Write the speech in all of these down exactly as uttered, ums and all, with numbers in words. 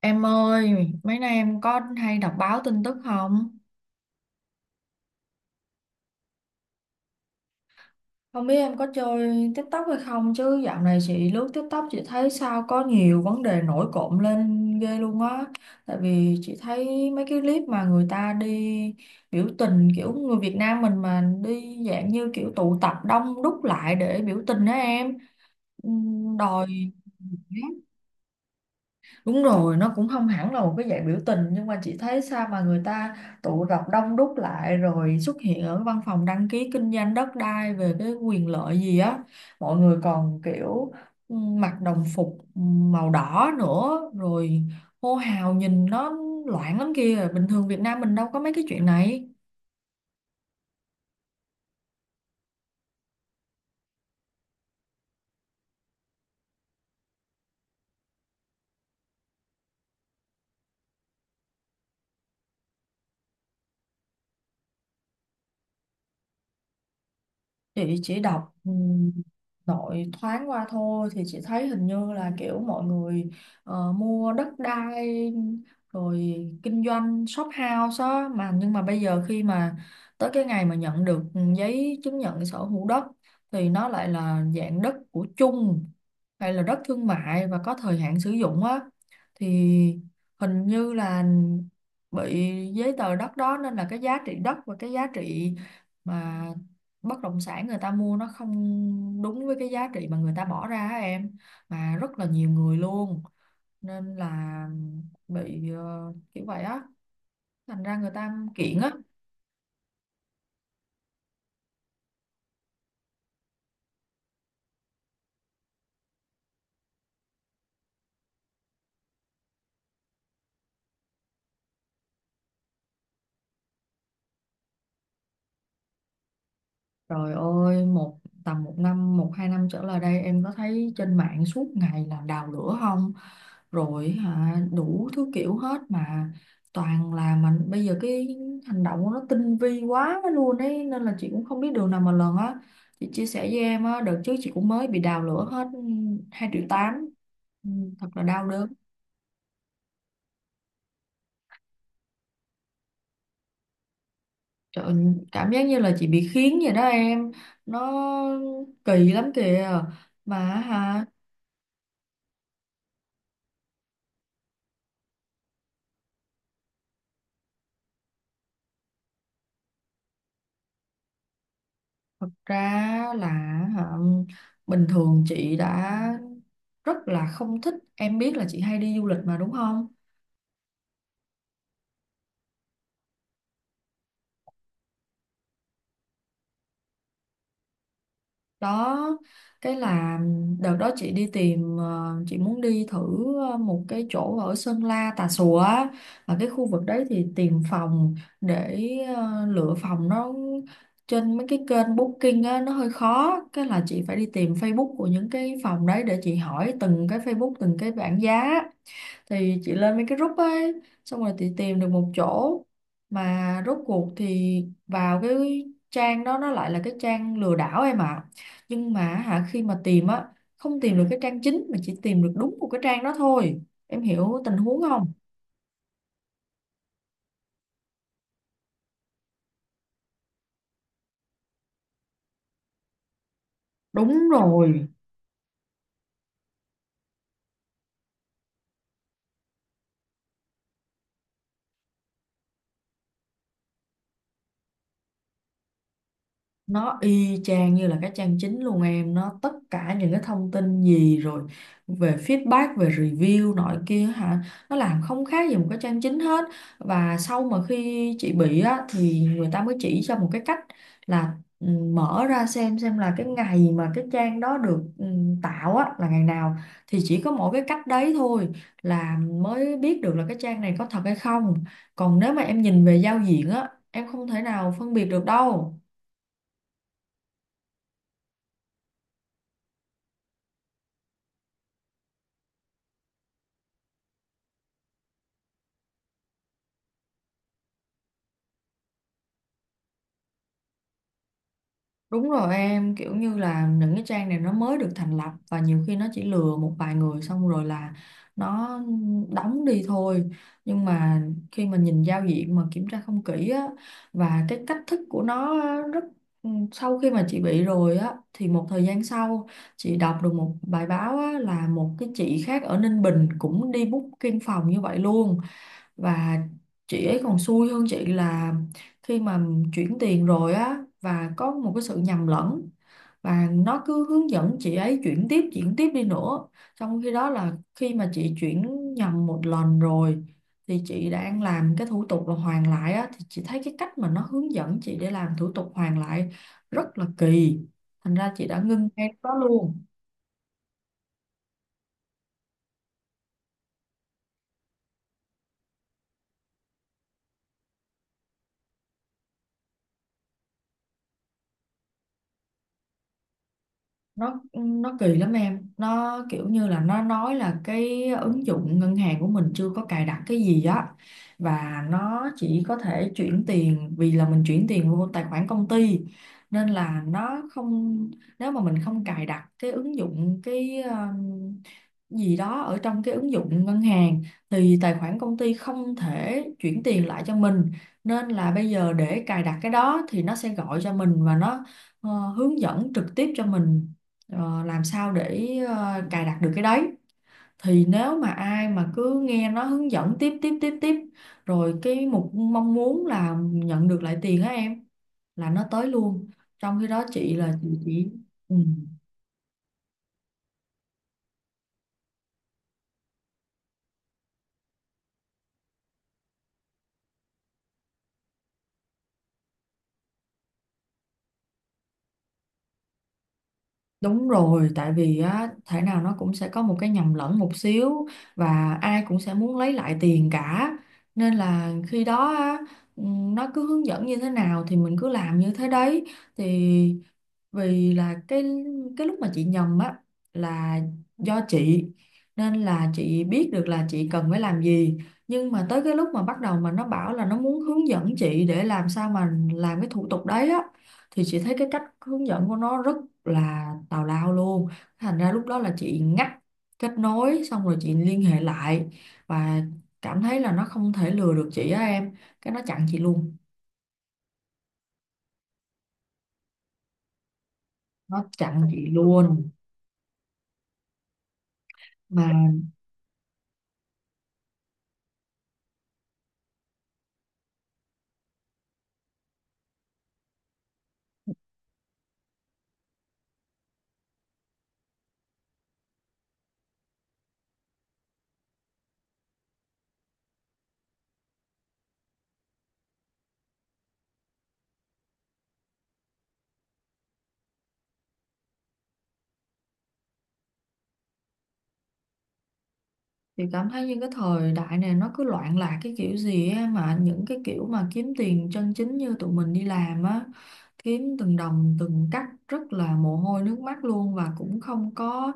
Em ơi, mấy nay em có hay đọc báo tin tức không? Không biết em có chơi TikTok hay không chứ dạo này chị lướt TikTok chị thấy sao có nhiều vấn đề nổi cộm lên ghê luôn á. Tại vì chị thấy mấy cái clip mà người ta đi biểu tình kiểu người Việt Nam mình mà đi dạng như kiểu tụ tập đông đúc lại để biểu tình đó em. Ừm, Đòi Đúng rồi, nó cũng không hẳn là một cái dạng biểu tình nhưng mà chị thấy sao mà người ta tụ tập đông đúc lại rồi xuất hiện ở văn phòng đăng ký kinh doanh đất đai về cái quyền lợi gì á. Mọi người còn kiểu ừ, mặc đồng phục màu đỏ nữa rồi hô hào nhìn nó loạn lắm kia. Bình thường Việt Nam mình đâu có mấy cái chuyện này. Chị chỉ đọc ừm, nội thoáng qua thôi thì chị thấy hình như là kiểu mọi người ờ, mua đất đai rồi kinh doanh shop house á mà nhưng mà bây giờ khi mà tới cái ngày mà nhận được giấy chứng nhận sở hữu đất thì nó lại là dạng đất của chung hay là đất thương mại và có thời hạn sử dụng á thì hình như là bị giấy tờ đất đó nên là cái giá trị đất và cái giá trị mà bất động sản người ta mua nó không đúng với cái giá trị mà người ta bỏ ra á em mà rất là nhiều người luôn nên là bị ờ, kiểu vậy á thành ra người ta kiện á. Trời ơi, một tầm một năm, một hai năm trở lại đây em có thấy trên mạng suốt ngày là đào lửa không? Rồi hả, đủ thứ kiểu hết mà toàn là mình bây giờ cái hành động của nó tinh vi quá luôn ấy nên là chị cũng không biết đường nào mà lần á. Chị chia sẻ với em á, đợt trước chị cũng mới bị đào lửa hết hai triệu tám. Ừ, Thật là đau đớn. Trời ơi, cảm giác như là chị bị khiến vậy đó em. Nó kỳ lắm kìa. Mà hả, thật ra là hả, bình thường chị đã rất là không thích, em biết là chị hay đi du lịch mà đúng không, đó cái là đợt đó chị đi tìm, ờ, chị muốn đi thử ờ, một cái chỗ ở Sơn La Tà Xùa á, và cái khu vực đấy thì tìm phòng để ờ, lựa phòng. Nó trên mấy cái kênh booking á, nó hơi khó cái là chị phải đi tìm Facebook của những cái phòng đấy để chị hỏi từng cái Facebook từng cái bảng giá thì chị lên mấy cái group ấy xong rồi chị tìm được một chỗ mà rốt cuộc thì vào cái trang đó nó lại là cái trang lừa đảo em ạ, nhưng mà hả khi mà tìm á không tìm được cái trang chính mà chỉ tìm được đúng một cái trang đó thôi em hiểu tình huống không. Đúng rồi, nó y chang như là cái trang chính luôn em, nó tất cả những cái thông tin gì rồi về feedback về review nọ kia hả nó làm không khác gì một cái trang chính hết, và sau mà khi chị bị á thì người ta mới chỉ cho một cái cách là ừ, mở ra xem xem là cái ngày mà cái trang đó được ừ, tạo á là ngày nào, thì chỉ có mỗi cái cách đấy thôi là mới biết được là cái trang này có thật hay không, còn nếu mà em nhìn về giao diện á em không thể nào phân biệt được đâu. Đúng rồi em, kiểu như là những cái trang này nó mới được thành lập và nhiều khi nó chỉ lừa một vài người xong rồi là nó đóng đi thôi. Nhưng mà khi mà nhìn giao diện mà kiểm tra không kỹ á và cái cách thức của nó á, rất ừ, sau khi mà chị bị rồi á thì một thời gian sau chị đọc được một bài báo á, là một cái chị khác ở Ninh Bình cũng đi booking phòng như vậy luôn, và chị ấy còn xui hơn chị là khi mà chuyển tiền rồi á và có một cái sự nhầm lẫn và nó cứ hướng dẫn chị ấy chuyển tiếp chuyển tiếp đi nữa, trong khi đó là khi mà chị chuyển nhầm một lần rồi thì chị đang làm cái thủ tục là hoàn lại á thì chị thấy cái cách mà nó hướng dẫn chị để làm thủ tục hoàn lại rất là kỳ, thành ra chị đã ngưng ngay lúc đó luôn. Nó nó kỳ lắm em, nó kiểu như là nó nói là cái ứng dụng ngân hàng của mình chưa có cài đặt cái gì á và nó chỉ có thể chuyển tiền vì là mình chuyển tiền vô tài khoản công ty nên là nó không, nếu mà mình không cài đặt cái ứng dụng cái um, gì đó ở trong cái ứng dụng ngân hàng thì tài khoản công ty không thể chuyển tiền lại cho mình, nên là bây giờ để cài đặt cái đó thì nó sẽ gọi cho mình và nó ờ, hướng dẫn trực tiếp cho mình ờ, làm sao để ờ, cài đặt được cái đấy, thì nếu mà ai mà cứ nghe nó hướng dẫn tiếp tiếp tiếp tiếp rồi cái mục mong muốn là nhận được lại tiền á em là nó tới luôn, trong khi đó chị là chị chỉ ừ, đúng rồi, tại vì á thể nào nó cũng sẽ có một cái nhầm lẫn một xíu và ai cũng sẽ muốn lấy lại tiền cả, nên là khi đó á, ừ, nó cứ hướng dẫn như thế nào thì mình cứ làm như thế đấy, thì vì là cái cái lúc mà chị nhầm á là do chị nên là chị biết được là chị cần phải làm gì, nhưng mà tới cái lúc mà bắt đầu mà nó bảo là nó muốn hướng dẫn chị để làm sao mà làm cái thủ tục đấy á thì chị thấy cái cách hướng dẫn của nó rất là tào lao luôn, thành ra lúc đó là chị ngắt kết nối xong rồi chị liên hệ lại và cảm thấy là nó không thể lừa được chị á em, cái nó chặn chị luôn. Nó chặn chị luôn mà. Chị cảm thấy như cái thời đại này nó cứ loạn lạc cái kiểu gì á, mà những cái kiểu mà kiếm tiền chân chính như tụi mình đi làm á kiếm từng đồng từng cắc rất là mồ hôi nước mắt luôn, và cũng không có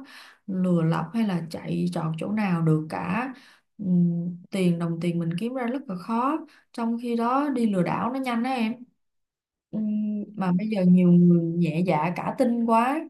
lừa lọc hay là chạy trọt chỗ nào được cả. Ừm, tiền đồng tiền mình kiếm ra rất là khó, trong khi đó đi lừa đảo nó nhanh á em. Ừm, mà bây giờ nhiều người nhẹ dạ cả tin quá.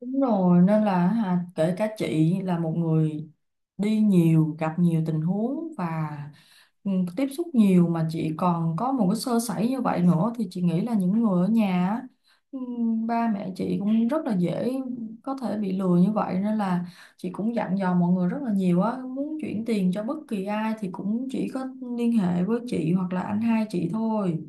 Đúng rồi, nên là hả, kể cả chị là một người đi nhiều, gặp nhiều tình huống và ừ, tiếp xúc nhiều mà chị còn có một cái sơ sẩy như vậy nữa, thì chị nghĩ là những người ở nhà á, ừ, ba mẹ chị cũng rất là dễ có thể bị lừa như vậy, nên là chị cũng dặn dò mọi người rất là nhiều á, muốn chuyển tiền cho bất kỳ ai thì cũng chỉ có liên hệ với chị hoặc là anh hai chị thôi.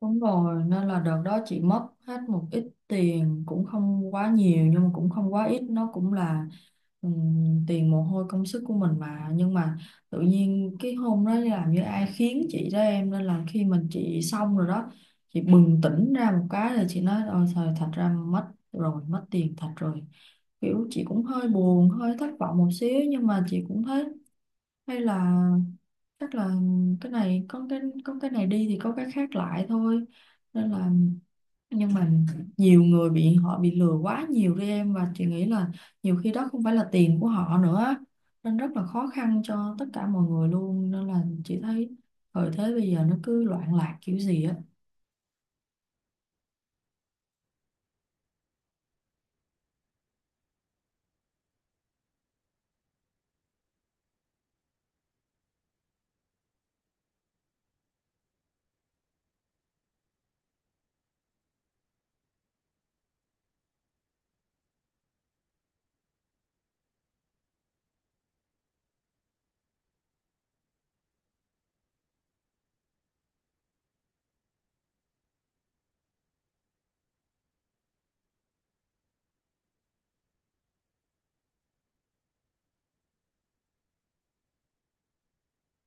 Đúng rồi, nên là đợt đó chị mất hết một ít tiền cũng không quá nhiều nhưng mà cũng không quá ít, nó cũng là ừm, tiền mồ hôi công sức của mình mà, nhưng mà tự nhiên cái hôm đó làm như ai khiến chị đó em, nên là khi mình chị xong rồi đó chị bừng tỉnh ra một cái là chị nói ôi trời thật ra mất rồi, mất tiền thật rồi, kiểu chị cũng hơi buồn hơi thất vọng một xíu, nhưng mà chị cũng thấy hay là chắc là cái này có cái có cái này đi thì có cái khác lại thôi. Nên là nhưng mà nhiều người bị họ bị lừa quá nhiều đi em, và chị nghĩ là nhiều khi đó không phải là tiền của họ nữa nên rất là khó khăn cho tất cả mọi người luôn, nên là chị thấy thời thế bây giờ nó cứ loạn lạc kiểu gì á.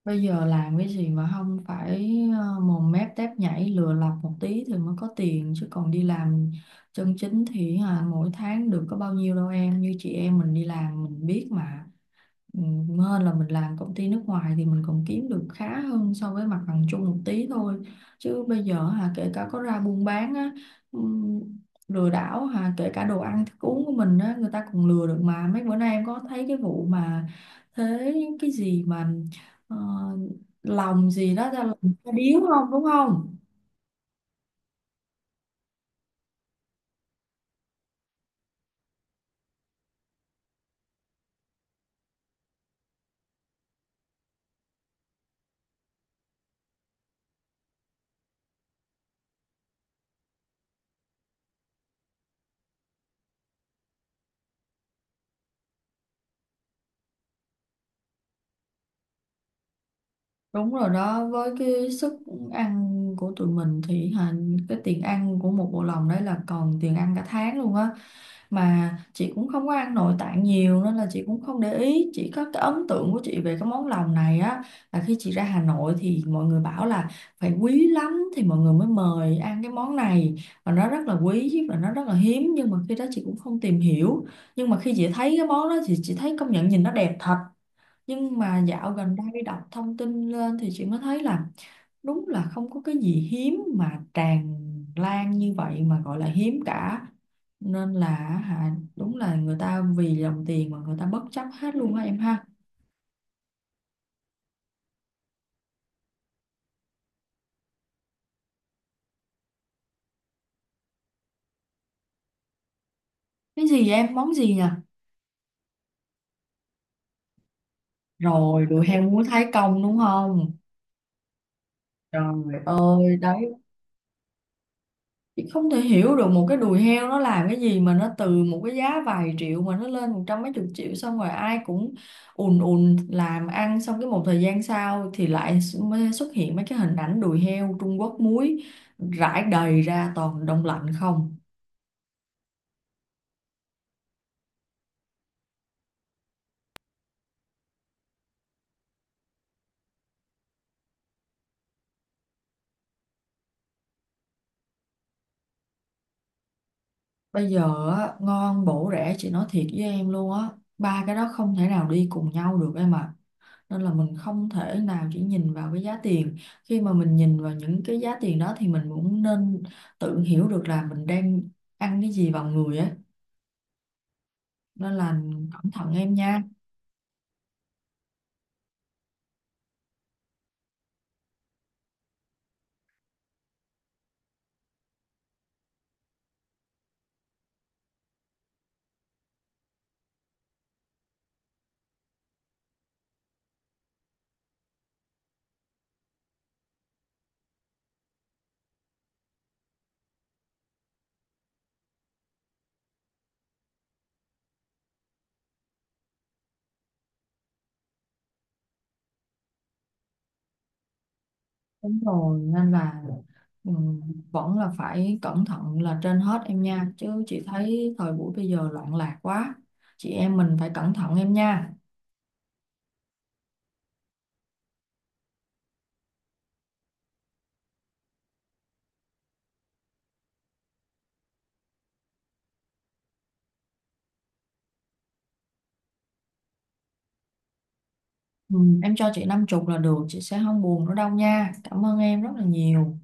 Bây giờ làm cái gì mà không phải ờ, mồm mép tép nhảy lừa lọc một tí thì mới có tiền, chứ còn đi làm chân chính thì à, mỗi tháng được có bao nhiêu đâu em, như chị em mình đi làm mình biết mà. Ừ, Hơn là mình làm công ty nước ngoài thì mình còn kiếm được khá hơn so với mặt bằng chung một tí thôi, chứ bây giờ hà kể cả có ra buôn bán á ừm, lừa đảo hà kể cả đồ ăn thức uống của mình á người ta còn lừa được, mà mấy bữa nay em có thấy cái vụ mà thế cái gì mà ờ, lòng gì đó, ra lòng ta điếu không đúng không. Đúng rồi đó, với cái sức ăn của tụi mình thì hà, cái tiền ăn của một bộ lòng đấy là còn tiền ăn cả tháng luôn á. Mà chị cũng không có ăn nội tạng nhiều nên là chị cũng không để ý. Chỉ có cái ấn tượng của chị về cái món lòng này á là khi chị ra Hà Nội thì mọi người bảo là phải quý lắm thì mọi người mới mời ăn cái món này. Và nó rất là quý và nó rất là hiếm nhưng mà khi đó chị cũng không tìm hiểu. Nhưng mà khi chị thấy cái món đó thì chị thấy công nhận nhìn nó đẹp thật, nhưng mà dạo gần đây đọc thông tin lên thì chị mới thấy là đúng là không có cái gì hiếm mà tràn lan như vậy mà gọi là hiếm cả, nên là hả đúng là người ta vì dòng tiền mà người ta bất chấp hết luôn á em ha. Cái gì em, món gì nhỉ? Rồi đùi heo muốn Thái Công đúng không, trời ơi đấy. Chị không thể hiểu được một cái đùi heo nó làm cái gì mà nó từ một cái giá vài triệu mà nó lên một trăm mấy chục triệu, xong rồi ai cũng ùn ùn làm ăn, xong cái một thời gian sau thì lại xu- mới xuất hiện mấy cái hình ảnh đùi heo Trung Quốc muối rải đầy ra toàn đông lạnh không. Bây giờ á, ngon bổ rẻ chị nói thiệt với em luôn á, ba cái đó không thể nào đi cùng nhau được em ạ. Nên là mình không thể nào chỉ nhìn vào cái giá tiền, khi mà mình nhìn vào những cái giá tiền đó thì mình cũng nên tự hiểu được là mình đang ăn cái gì vào người ấy, nên là cẩn thận em nha. Đúng rồi nên là ừ, vẫn là phải cẩn thận là trên hết em nha, chứ chị thấy thời buổi bây giờ loạn lạc quá, chị em mình phải cẩn thận em nha. ừ, em cho chị năm chục là được chị sẽ không buồn nữa đâu nha, cảm ơn em rất là nhiều